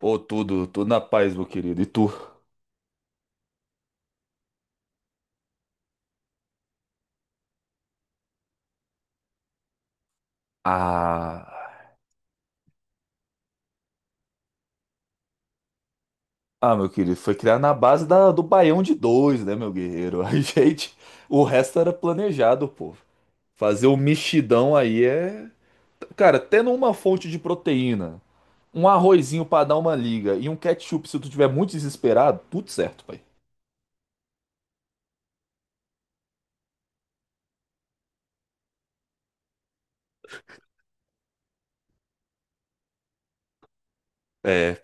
Ô, tudo na paz, meu querido. E tu? Ah, ah, meu querido, foi criado na base do baião de dois, né, meu guerreiro? A gente, o resto era planejado, pô. Fazer o mexidão aí é. Cara, tendo uma fonte de proteína, um arrozinho pra dar uma liga e um ketchup se tu tiver muito desesperado, tudo certo, pai. É.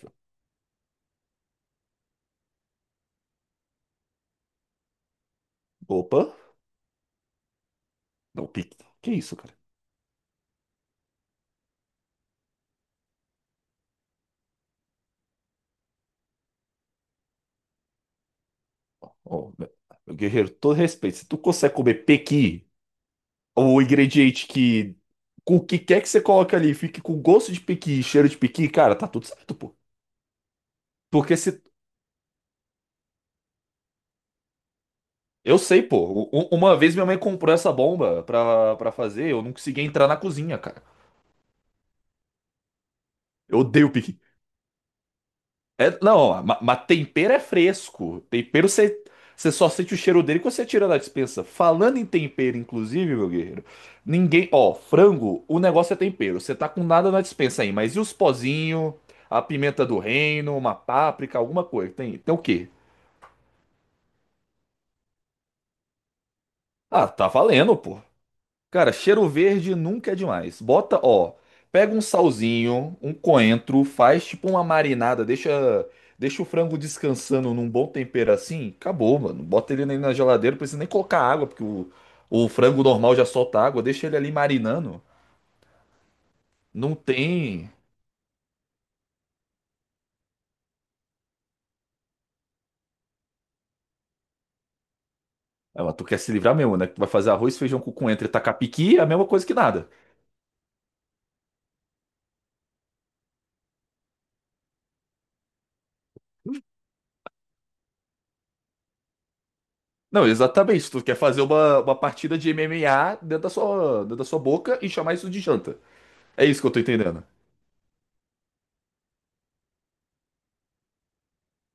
Opa, não, pique. Que isso, cara? Ô, meu guerreiro, todo respeito. Se tu consegue comer pequi o ingrediente que. Com o que quer que você coloque ali, fique com gosto de piqui e cheiro de piqui, cara, tá tudo certo, pô. Porque se. Eu sei, pô. Uma vez minha mãe comprou essa bomba pra, fazer, eu não consegui entrar na cozinha, cara. Eu odeio piqui. É, não, mas tempero é fresco. Tempero você só sente o cheiro dele quando você tira da despensa. Falando em tempero, inclusive, meu guerreiro, ninguém. Ó, frango, o negócio é tempero. Você tá com nada na despensa aí, mas e os pozinhos, a pimenta do reino, uma páprica, alguma coisa? Tem o quê? Ah, tá valendo, pô. Cara, cheiro verde nunca é demais. Bota, ó, pega um salzinho, um coentro, faz tipo uma marinada, deixa o frango descansando num bom tempero assim, acabou, mano. Bota ele ali na geladeira, não precisa nem colocar água, porque o frango normal já solta água, deixa ele ali marinando. Não tem. Ah, mas tu quer se livrar mesmo, né? Que tu vai fazer arroz, feijão com coentro e tacapiqui, é a mesma coisa que nada. Não, exatamente. Tu quer fazer uma partida de M M a dentro dentro da sua boca e chamar isso de janta. É isso que eu tô entendendo.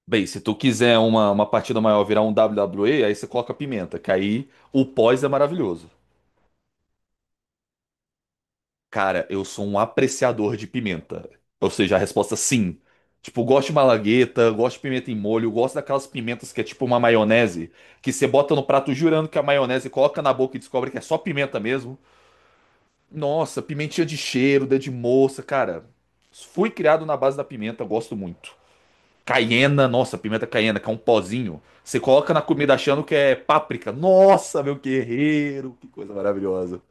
Bem, se tu quiser uma partida maior virar um WWE, aí você coloca pimenta, que aí o pós é maravilhoso. Cara, eu sou um apreciador de pimenta. Ou seja, a resposta é sim. Tipo, gosto de malagueta, gosto de pimenta em molho, gosto daquelas pimentas que é tipo uma maionese, que você bota no prato jurando que é maionese, coloca na boca e descobre que é só pimenta mesmo. Nossa, pimentinha de cheiro, dedo de moça, cara. Fui criado na base da pimenta, gosto muito. Caiena, nossa, pimenta caiena, que é um pozinho. Você coloca na comida achando que é páprica. Nossa, meu guerreiro, que coisa maravilhosa.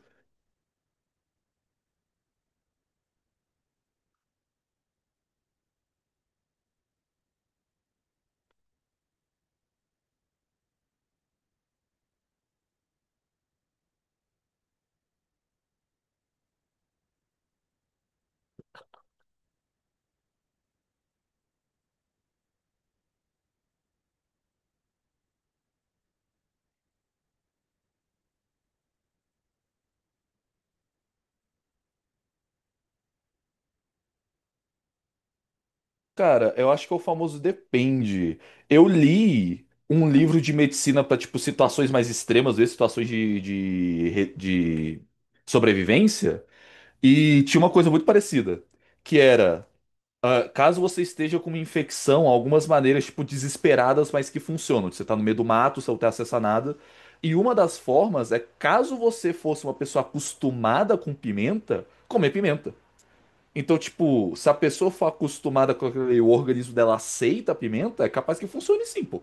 Cara, eu acho que é o famoso depende. Eu li um livro de medicina para tipo, situações mais extremas, às vezes situações de sobrevivência, e tinha uma coisa muito parecida, que era. Ah, caso você esteja com uma infecção, algumas maneiras, tipo, desesperadas, mas que funcionam. Você tá no meio do mato, você não tem acesso a nada. E uma das formas é, caso você fosse uma pessoa acostumada com pimenta, comer pimenta. Então, tipo, se a pessoa for acostumada com aquele, o organismo dela aceita a pimenta, é capaz que funcione sim, pô.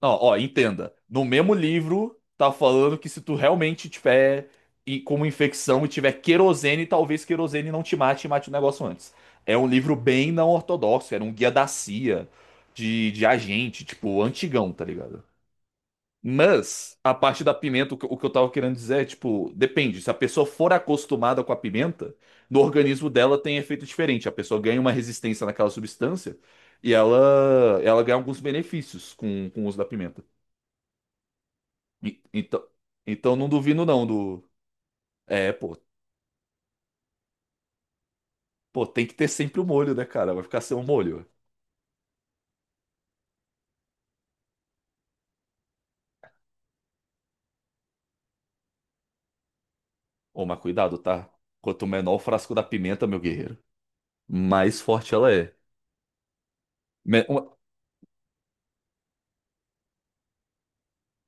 Não, ó, entenda. No mesmo livro, tá falando que se tu realmente tiver como infecção e tiver querosene, talvez querosene não te mate e mate o negócio antes. É um livro bem não ortodoxo, era um guia da CIA, de agente, tipo, antigão, tá ligado? Mas, a parte da pimenta, o que eu tava querendo dizer é, tipo, depende. Se a pessoa for acostumada com a pimenta, no organismo dela tem efeito diferente. A pessoa ganha uma resistência naquela substância e ela ganha alguns benefícios com o uso da pimenta. Então, então não duvido não do. É, pô, pô, tem que ter sempre o molho, né, cara? Vai ficar sem o molho. Ô, mas cuidado, tá? Quanto menor o frasco da pimenta, meu guerreiro, mais forte ela é. Me- uma-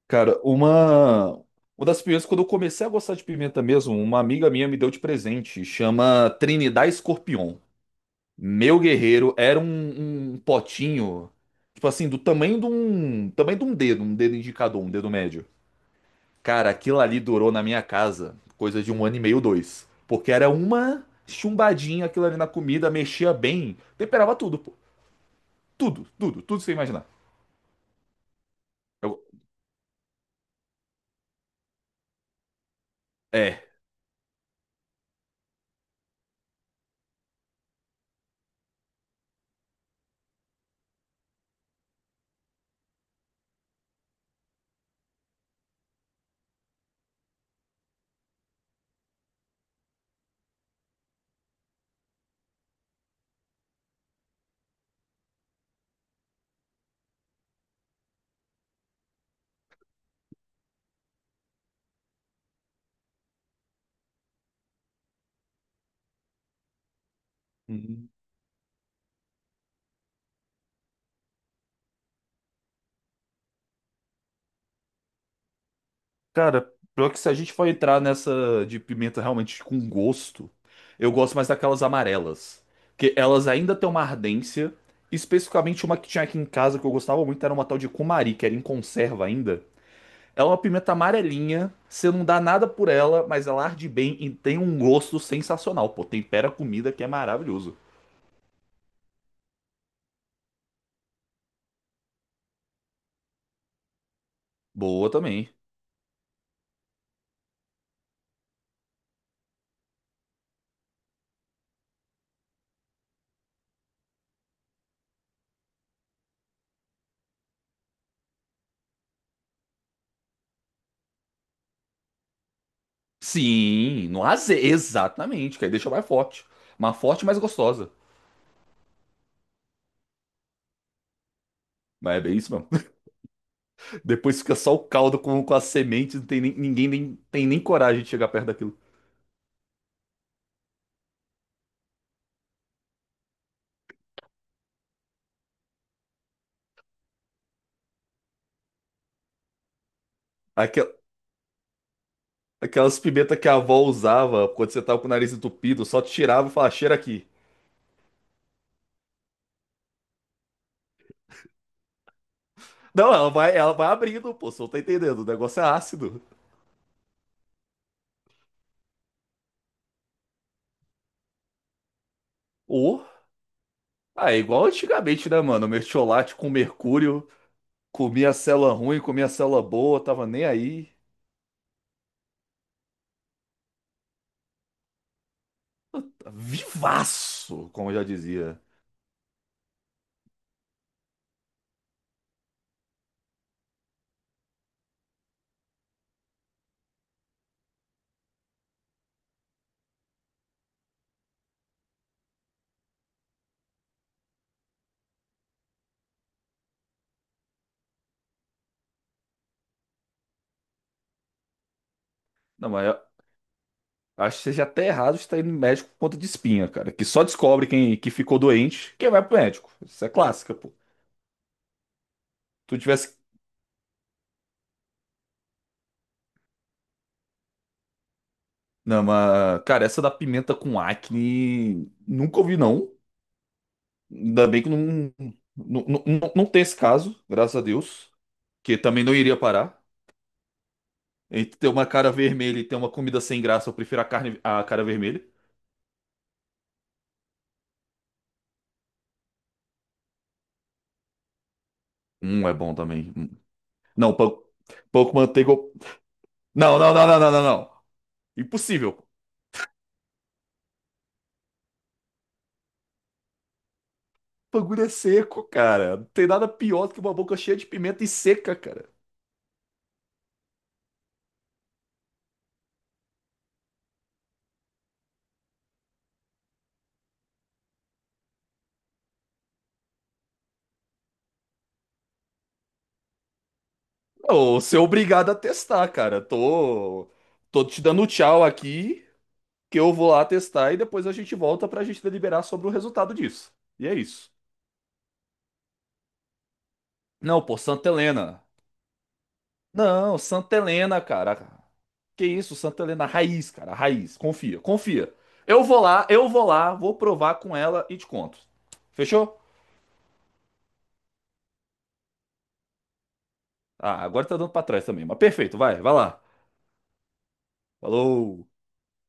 Cara, uma. Uma das pimentas, quando eu comecei a gostar de pimenta mesmo, uma amiga minha me deu de presente. Chama Trinidad Escorpião. Meu guerreiro era um potinho, tipo assim, do tamanho de um dedo indicador, um dedo médio. Cara, aquilo ali durou na minha casa coisa de um ano e meio, dois. Porque era uma chumbadinha aquilo ali na comida, mexia bem, temperava tudo, pô. Tudo sem imaginar. Eu- É. Hum. Cara, pior que se a gente for entrar nessa de pimenta realmente com gosto, eu gosto mais daquelas amarelas, que elas ainda têm uma ardência. Especificamente uma que tinha aqui em casa que eu gostava muito era uma tal de cumari, que era em conserva ainda. Ela é uma pimenta amarelinha, você não dá nada por ela, mas ela arde bem e tem um gosto sensacional. Pô, tempera a comida que é maravilhoso. Boa também. Sim, no azeite, exatamente, que aí deixa mais forte. Mais forte e mais gostosa. Mas é bem isso mesmo. Depois fica só o caldo com as sementes, não tem nem- ninguém nem, tem nem coragem de chegar perto daquilo. Aquela- aquelas pimentas que a avó usava quando você tava com o nariz entupido, só tirava e falava, cheira aqui. Não, ela vai abrindo, pô, você não tá entendendo, o negócio é ácido. Ô, ah, é igual antigamente, né, mano? Mertiolate com mercúrio, comia célula ruim, comia célula boa, tava nem aí. Vivaço, como eu já dizia. Não, mas eu acho que seja até errado estar indo no médico por conta de espinha, cara. Que só descobre quem que ficou doente, quem vai pro médico. Isso é clássica, pô. Tu tivesse. Não, mas, cara, essa da pimenta com acne, nunca ouvi, não. Ainda bem que não, não tem esse caso, graças a Deus. Que também não iria parar. Entre ter uma cara vermelha e ter uma comida sem graça, eu prefiro a carne, a cara vermelha. É bom também. Hum. Não, pão, pão com manteiga. Não, não, não, não, não, não, não. Impossível. O bagulho é seco, cara. Não tem nada pior do que uma boca cheia de pimenta e seca, cara. Não, ser obrigado a testar, cara. Tô te dando tchau aqui, que eu vou lá testar e depois a gente volta pra gente deliberar sobre o resultado disso. E é isso. Não, pô, Santa Helena. Não, Santa Helena, cara. Que isso, Santa Helena, raiz, cara, raiz. Confia, confia. Eu vou lá, vou provar com ela e te conto. Fechou? Ah, agora tá dando pra trás também, mas perfeito, vai, vai lá. Falou.